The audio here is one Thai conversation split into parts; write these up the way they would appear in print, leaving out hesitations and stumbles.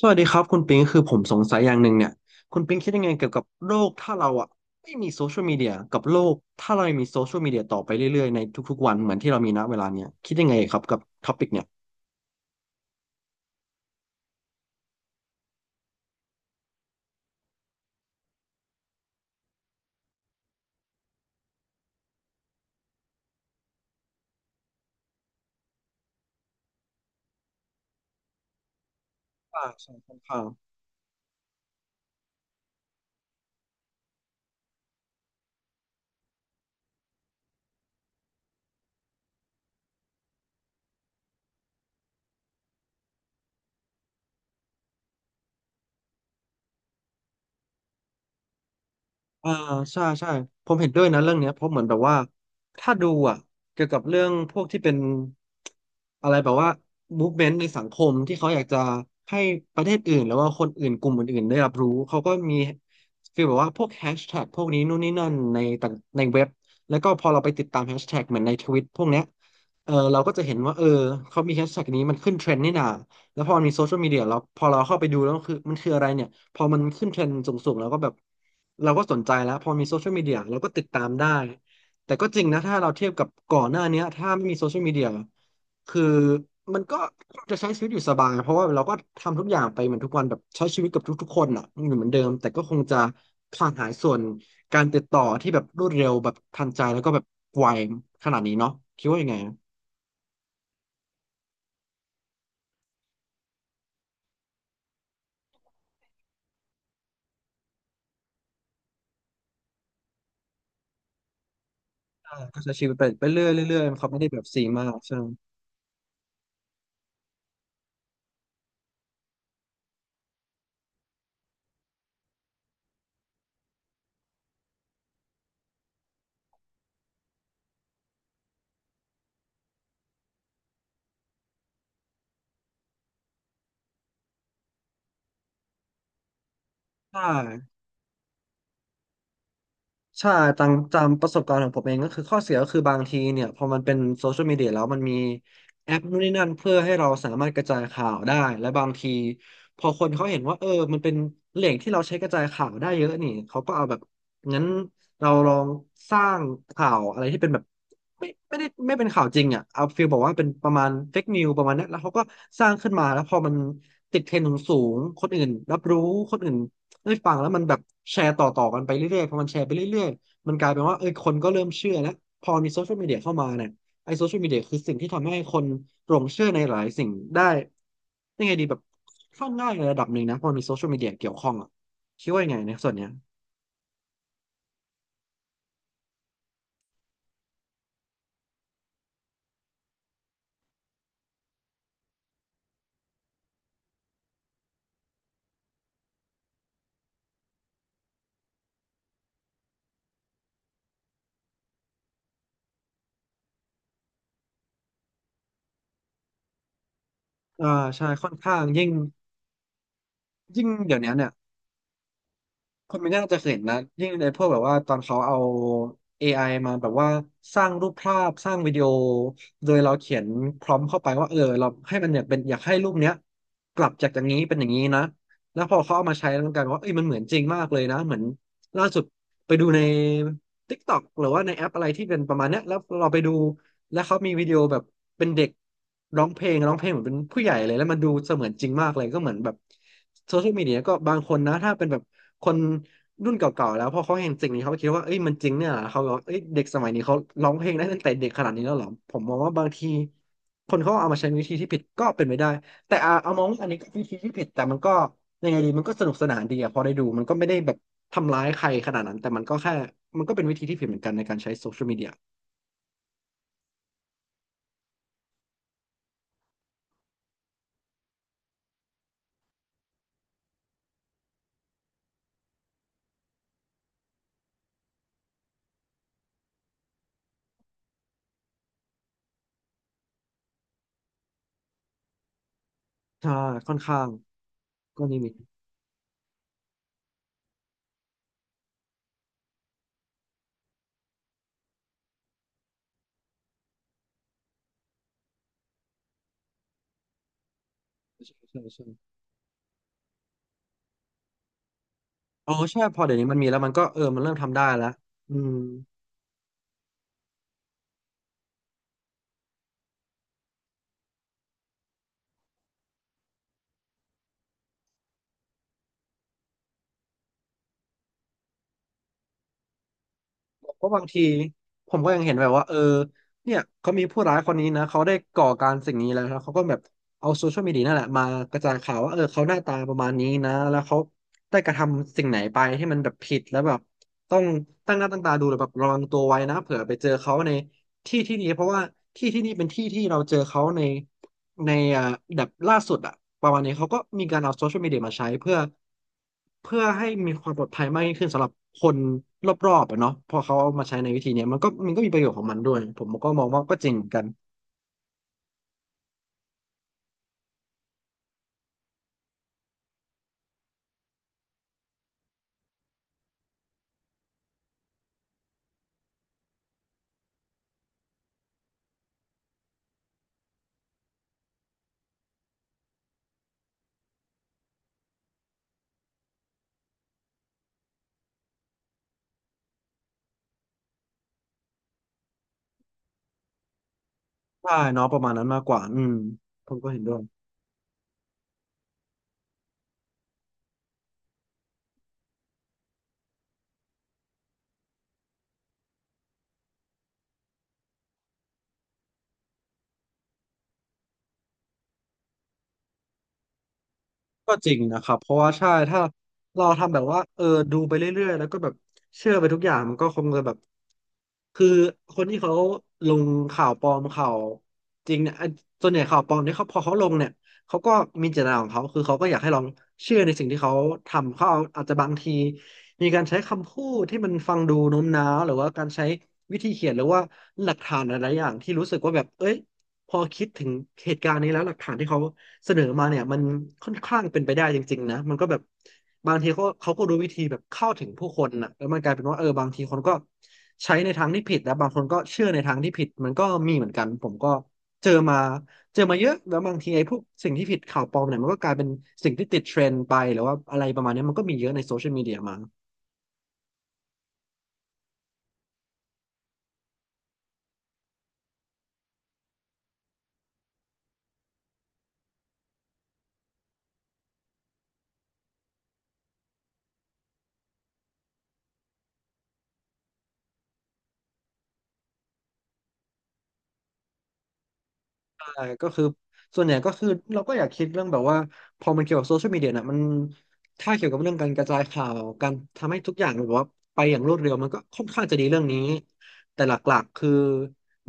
สวัสดีครับคุณปิงคือผมสงสัยอย่างหนึ่งเนี่ยคุณปิงคิดยังไงเกี่ยวกับโลกถ้าเราอ่ะไม่มีโซเชียลมีเดียกับโลกถ้าเรายังมีโซเชียลมีเดียต่อไปเรื่อยๆในทุกๆวันเหมือนที่เรามีณเวลาเนี้ยคิดยังไงครับกับท็อปิกเนี่ยอ่าใช่ค่อนข้าง อ่าใช่ใช่ผมเห็นด้วยนะเรื่องเนี้ยเพราะเหมือนแบบว่าถ้าดูอ่ะเกี่ยวกับเรื่องพวกที่เป็นอะไรแบบว่า m o v e m e ต t ในสังคมที่เขาอยากจะให้ประเทศอื่นหรือว่าคนอื่นกลุ่มอื่นๆได้รับรู้เขาก็มีฟีลแบบว่าพวกแฮชแท็กพวกนี้นู่นนี่นั่นในต่างในเว็บแล้วก็พอเราไปติดตามแฮชแท็กเหมือนในทวิตพวกเนี้ยเออเราก็จะเห็นว่าเออเขามีแฮชแท็กนี้มันขึ้นเทรนด์นี่นา แล้วพอมันมีโซเชียลมีเดียแล้วพอเราเข้าไปดูแล้วคือมันคืออะไรเนี่ยพอมันขึ้นเทรนด์สูงๆแล้วก็แบบเราก็สนใจแล้วพอมีโซเชียลมีเดียเราก็ติดตามได้แต่ก็จริงนะถ้าเราเทียบกับก่อนหน้าเนี้ยถ้าไม่มีโซเชียลมีเดียคือมันก็จะใช้ชีวิตอยู่สบายเพราะว่าเราก็ทำทุกอย่างไปเหมือนทุกวันแบบใช้ชีวิตกับทุกๆคนอ่ะอยู่เหมือนเดิมแต่ก็คงจะขาดหายส่วนการติดต่อที่แบบรวดเร็วแบบทันใจแล้วก็แบบไวขนาดนี้เนาะคิดว่ายังไงอะก็ใช้ชีวิตไปเรื่อยๆเรื่อยๆมันเขาไม่ได้แบบซีมากใช่ ใช่ใช่ตามตามประสบการณ์ของผมเองก็คือข้อเสียก็คือบางทีเนี่ยพอมันเป็นโซเชียลมีเดียแล้วมันมีแอปนู่นนี่นั่นเพื่อให้เราสามารถกระจายข่าวได้และบางทีพอคนเขาเห็นว่าเออมันเป็นแหล่งที่เราใช้กระจายข่าวได้เยอะนี่เขาก็เอาแบบงั้นเราลองสร้างข่าวอะไรที่เป็นแบบไม่ได้ไม่เป็นข่าวจริงอ่ะเอาฟีลบอกว่าเป็นประมาณเฟกนิวประมาณนั้นแล้วเขาก็สร้างขึ้นมาแล้วพอมันติดเทรนด์สูงๆคนอื่นรับรู้คนอื่น เอ้ยฟังแล้วมันแบบแชร์ต่อกันไปเรื่อยๆพอมันแชร์ไปเรื่อยๆมันกลายเป็นว่าเอ้ยคนก็เริ่มเชื่อแล้วพอมีโซเชียลมีเดียเข้ามาเนี่ยไอ้โซเชียลมีเดียคือสิ่งที่ทำให้คนหลงเชื่อในหลายสิ่งได้ยังไงดีแบบค่อนข้างง่ายในระดับหนึ่งนะพอมีโซเชียลมีเดียเกี่ยวข้องอ่ะคิดว่ายังไงในส่วนเนี้ยอ่าใช่ค่อนข้างยิ่งยิ่งเดี๋ยวนี้เนี่ย คุณไม่น่าจะเคยเห็นนะยิ่งในพวกแบบว่าตอนเขาเอา AI มาแบบว่าสร้างรูปภาพสร้างวิดีโอโดยเราเขียนพร้อมเข้าไปว่าเออเราให้มันเนี่ยเป็นอยากให้รูปเนี้ยกลับจากอย่างนี้เป็นอย่างนี้นะแล้วพอเขาเอามาใช้แล้วมันกลายเป็นว่าเอ้ยมันเหมือนจริงมากเลยนะเหมือนล่าสุดไปดูใน TikTok หรือว่าในแอปอะไรที่เป็นประมาณเนี้ยแล้วเราไปดู แล้วเขามีวิดีโอแบบเป็นเด็กร้องเพลงร้องเพลงเหมือนเป็นผู้ใหญ่เลยแล้วมันดูเสมือนจริงมากเลยก็เหมือนแบบโซเชียลมีเดียก็บางคนนะถ้าเป็นแบบคนรุ่นเก่าๆแล้วพอเขาเห็นสิ่งนี้เขาก็คิดว่าเอ้ยมันจริงเนี่ยเหรอเขาบอกว่าเอ้ยเด็กสมัยนี้เขาร้องเพลงได้ตั้งแต่เด็กขนาดนี้แล้วเหรอผมมองว่าบางทีคนเขาเอามาใช้วิธีที่ผิดก็เป็นไปได้แต่อ่ะเอามองว่าอันนี้ก็วิธีที่ผิดแต่มันก็ยังไงดีมันก็สนุกสนานดีอะพอได้ดูมันก็ไม่ได้แบบทำร้ายใครขนาดนั้นแต่มันก็แค่มันก็เป็นวิธีที่ผิดเหมือนกันในการใช้โซเชียลมีเดียใช่ค่อนข้าง ก็นิมิตใช่ใช่ใช่โอ้ใช่พอเดี๋ยวนี้มันมีแล้วมันก็เออมันเริ่มทำได้แล้วอืม เพราะบางทีผมก็ยังเห็นแบบว่าเนี่ยเขามีผู้ร้ายคนนี้นะเขาได้ก่อการสิ่งนี้แล้วแล้วเขาก็แบบเอาโซเชียลมีเดียนั่นแหละมากระจายข่าวว่าเขาหน้าตาประมาณนี้นะแล้วเขาได้กระทำสิ่งไหนไปที่มันแบบผิดแล้วแบบต้องตั้งหน้าตั้งตาดูหรือแบบระวังตัวไว้นะเผื่อไปเจอเขาในที่ที่นี้เพราะว่าที่ที่นี่เป็นที่ที่เราเจอเขาใน ในอ่าแบบล่าสุดอะประมาณนี้เขาก็มีการเอาโซเชียลมีเดียมาใช้เพื่อให้มีความปลอดภัยมากยิ่งขึ้นสำหรับคนรอบๆอะเนาะพอเขาเอามาใช้ในวิธีเนี้ยมันก็มีประโยชน์ของมันด้วยผมก็มองว่าก็จริงเหมือนกันใช่เนาะประมาณนั้นมากกว่าอืมผมก็เห็นด้วย ก็จริงนะครับเพราะว่าใช่ถ้าเราทำแบบว่าดูไปเรื่อยๆแล้วก็แบบเชื่อไปทุกอย่างมันก็คงจะแบบคือคนที่เขาลงข่าวปลอมข่าวจริงเนี่ยไอ้ส่วนใหญ่ข่าวปลอมเนี่ยเขาพอเขาลงเนี่ยเขาก็มีเจตนาของเขาคือเขาก็อยากให้ลองเชื่อในสิ่งที่เขาทำเขาเอาอาจจะบางทีมีการใช้คำพูดที่มันฟังดูโน้มน้าวหรือว่าการใช้วิธีเขียนหรือว่าหลักฐานหลายๆอย่างที่รู้สึกว่าแบบเอ้ยพอคิดถึงเหตุการณ์นี้แล้วหลักฐานที่เขา เสนอมาเนี่ยมันค่อนข้างเป็นไปได้จริงๆนะมันก็แบบบางทีเขาก็รู้วิธีแบบเข้าถึงผู้คนนะแล้วมันกลายเป็นว่าบางทีคนก็ใช้ในทางที่ผิดแล้วบางคนก็เชื่อในทางที่ผิดมันก็มีเหมือนกันผมก็เจอมาเยอะแล้วบางทีไอ้พวกสิ่งที่ผิดข่าวปลอมเนี่ยมันก็กลายเป็นสิ่งที่ติดเทรนด์ไปหรือว่าอะไรประมาณเนี้ยมันก็มีเยอะในโซเชียลมีเดียมา ใช่ก็คือส่วนใหญ่ก็คือเราก็อยากคิดเรื่องแบบว่าพอมันเกี่ยวกับโซเชียลมีเดียน่ะมันถ้าเกี่ยวกับเรื่องการกระจายข่าวการทำให้ทุกอย่างแบบว่าไปอย่างรวดเร็วมันก็ค่อนข้างจะดีเรื่องนี้แต่หลักๆคือ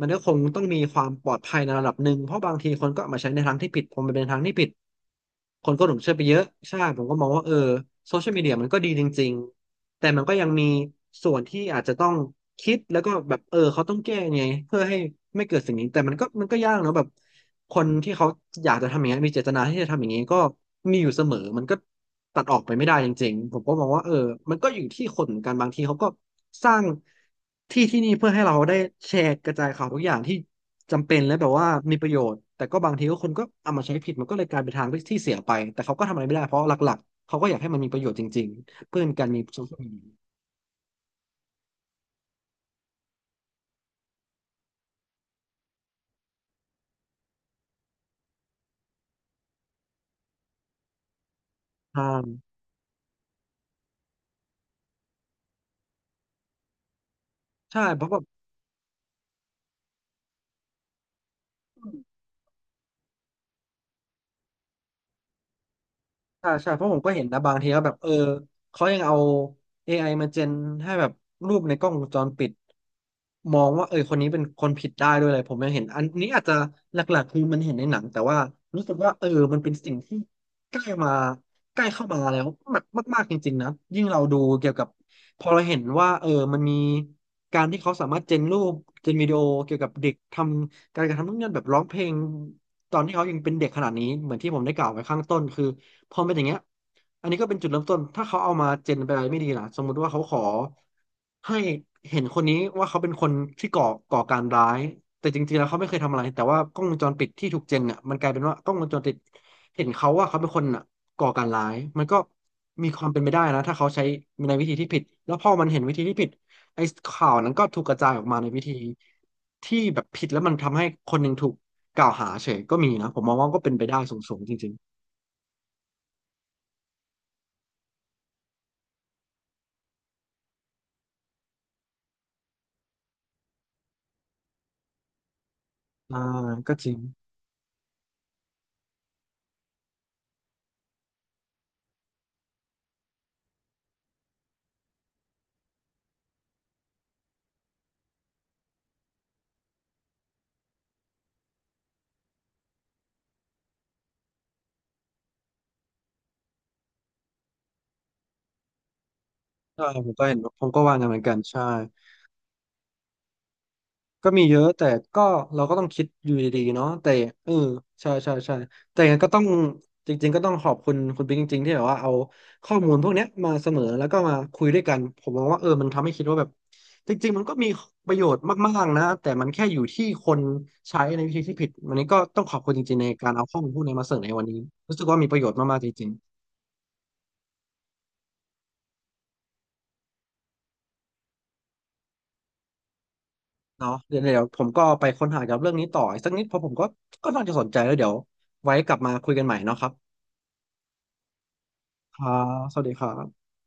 มันก็คงต้องมีความปลอดภัยในระดับหนึ่งเพราะบางทีคนก็เอามาใช้ในทางที่ผิดพอมันเป็นทางที่ผิด คนก็หลงเชื่อไปเยอะใช่ผมก็มองว่าโซเชียลมีเดียมันก็ดีจริงๆแต่มันก็ยังมีส่วนที่อาจจะต้องคิดแล้วก็แบบเขาต้องแก้ไงเพื่อให้ไม่เกิดสิ่งนี้แต่มันก็ยากเนอะแบบคนที่เขาอยากจะทำอย่างนี้นมีเจตนาที่จะทำอย่างนี้ก็มีอยู่เสมอมันก็ตัดออกไปไม่ได้จริงๆผมก็มองว่ามันก็อยู่ที่คนเหมือนกันบางทีเขาก็ สร้างที่ที่นี่เพื่อให้เราได้แชร์กระจายข่าวทุกอย่างที่จำเป็นและแบบว่ามีประโยชน์แต่ก็บางทีก็คนก็เอามาใช้ผิดมันก็เลยกลายเป็นทางที่เสียไปแต่เขาก็ทำอะไรไม่ได้เพราะหลักๆเขาก็อยากให้มันมีประโยชน์จริงๆเพื่อเป็นการมีโซเชียลมีเดียใช่ใช่เพราะแบบ ใช่ใช่เพราะผมก็เห็นนะบางทีก็แบบเขายังเอา ไอมาเจนให้แบบรูปในกล้องวงจรปิดมองว่าคนนี้เป็นคนผิดได้ด้วยเลยผมยังเห็นอันนี้อาจจะหลักๆคือมันเห็นในหนังแต่ว่ารู้สึกว่ามันเป็นสิ่งที่ใกล้มาใกล้เข้ามาแล้วมากมากๆจริงๆนะยิ่งเราดูเกี่ยวกับพอเราเห็นว่ามันมีการที่เขาสามารถเจนรูปเจนวิดีโอเกี่ยวกับเด็กทำการกระทำนู่นนั่นแบบร้องเพลงตอนที่เขายังเป็นเด็กขนาดนี้เหมือนที่ผมได้กล่าวไว้ข้างต้นคือ พอเป็นอย่างเงี้ยอันนี้ก็เป็นจุดเริ่มต้นถ้าเขาเอามาเจนเป็นอะไรไม่ดีล่ะสมมุติว่าเขาขอให้เห็นคนนี้ว่าเขาเป็นคนที่ก่อการร้ายแต่จริงๆแล้วเขาไม่เคยทำอะไรแต่ว่ากล้องวงจรปิดที่ถูกเจนเนี่ยมันกลายเป็นว่ากล้องวงจรปิดเห็นเขาว่าเขาเป็นคนน่ะก่อการร้ายมันก็มีความเป็นไปได้นะถ้าเขาใช้ในวิธีที่ผิดแล้วพอมันเห็นวิธีที่ผิดไอ้ข่าวนั้นก็ถูกกระจายออกมาในวิธีที่แบบผิดแล้วมันทำให้คนหนึ่งถูกกล่าวหาเฉยก็มีนะผมมองว่าก็เป็นไปได้สูงๆจริงๆ อ่าก็จริงใช่ผมก็เห็นผมก็วางกันเหมือนกันใช่ก็มีเยอะแต่ก็เราก็ต้องคิดอยู่ดีๆเนาะแต่เออใช่ใช่ใช่แต่ยังไงก็ต้องจริงๆก็ต้องขอบคุณคุณปิ๊งจริงๆที่แบบว่าเอาข้อมูลพวกเนี้ยมาเสนอแล้วก็มาคุยด้วยกันผมมองว่ามันทำให้คิดว่าแบบจริงๆมันก็มีประโยชน์มากๆนะแต่มันแค่อยู่ที่คนใช้ในวิธีที่ผิดวันนี้ก็ต้องขอบคุณจริงๆในการเอาข้อมูลพวกนี้มาเสนอในวันนี้รู้สึกว่ามีประโยชน์มากๆจริง เนาะเดี๋ยวผมก็ไปค้นหาเกี่ยวกับเรื่องนี้ต่ออีกสักนิดเพราะผมก็ก็น่าจะสนใจแล้วเดี๋ยวไว้กลับมาคุยกันใหม่เนาะครับครับสวัสดีครับ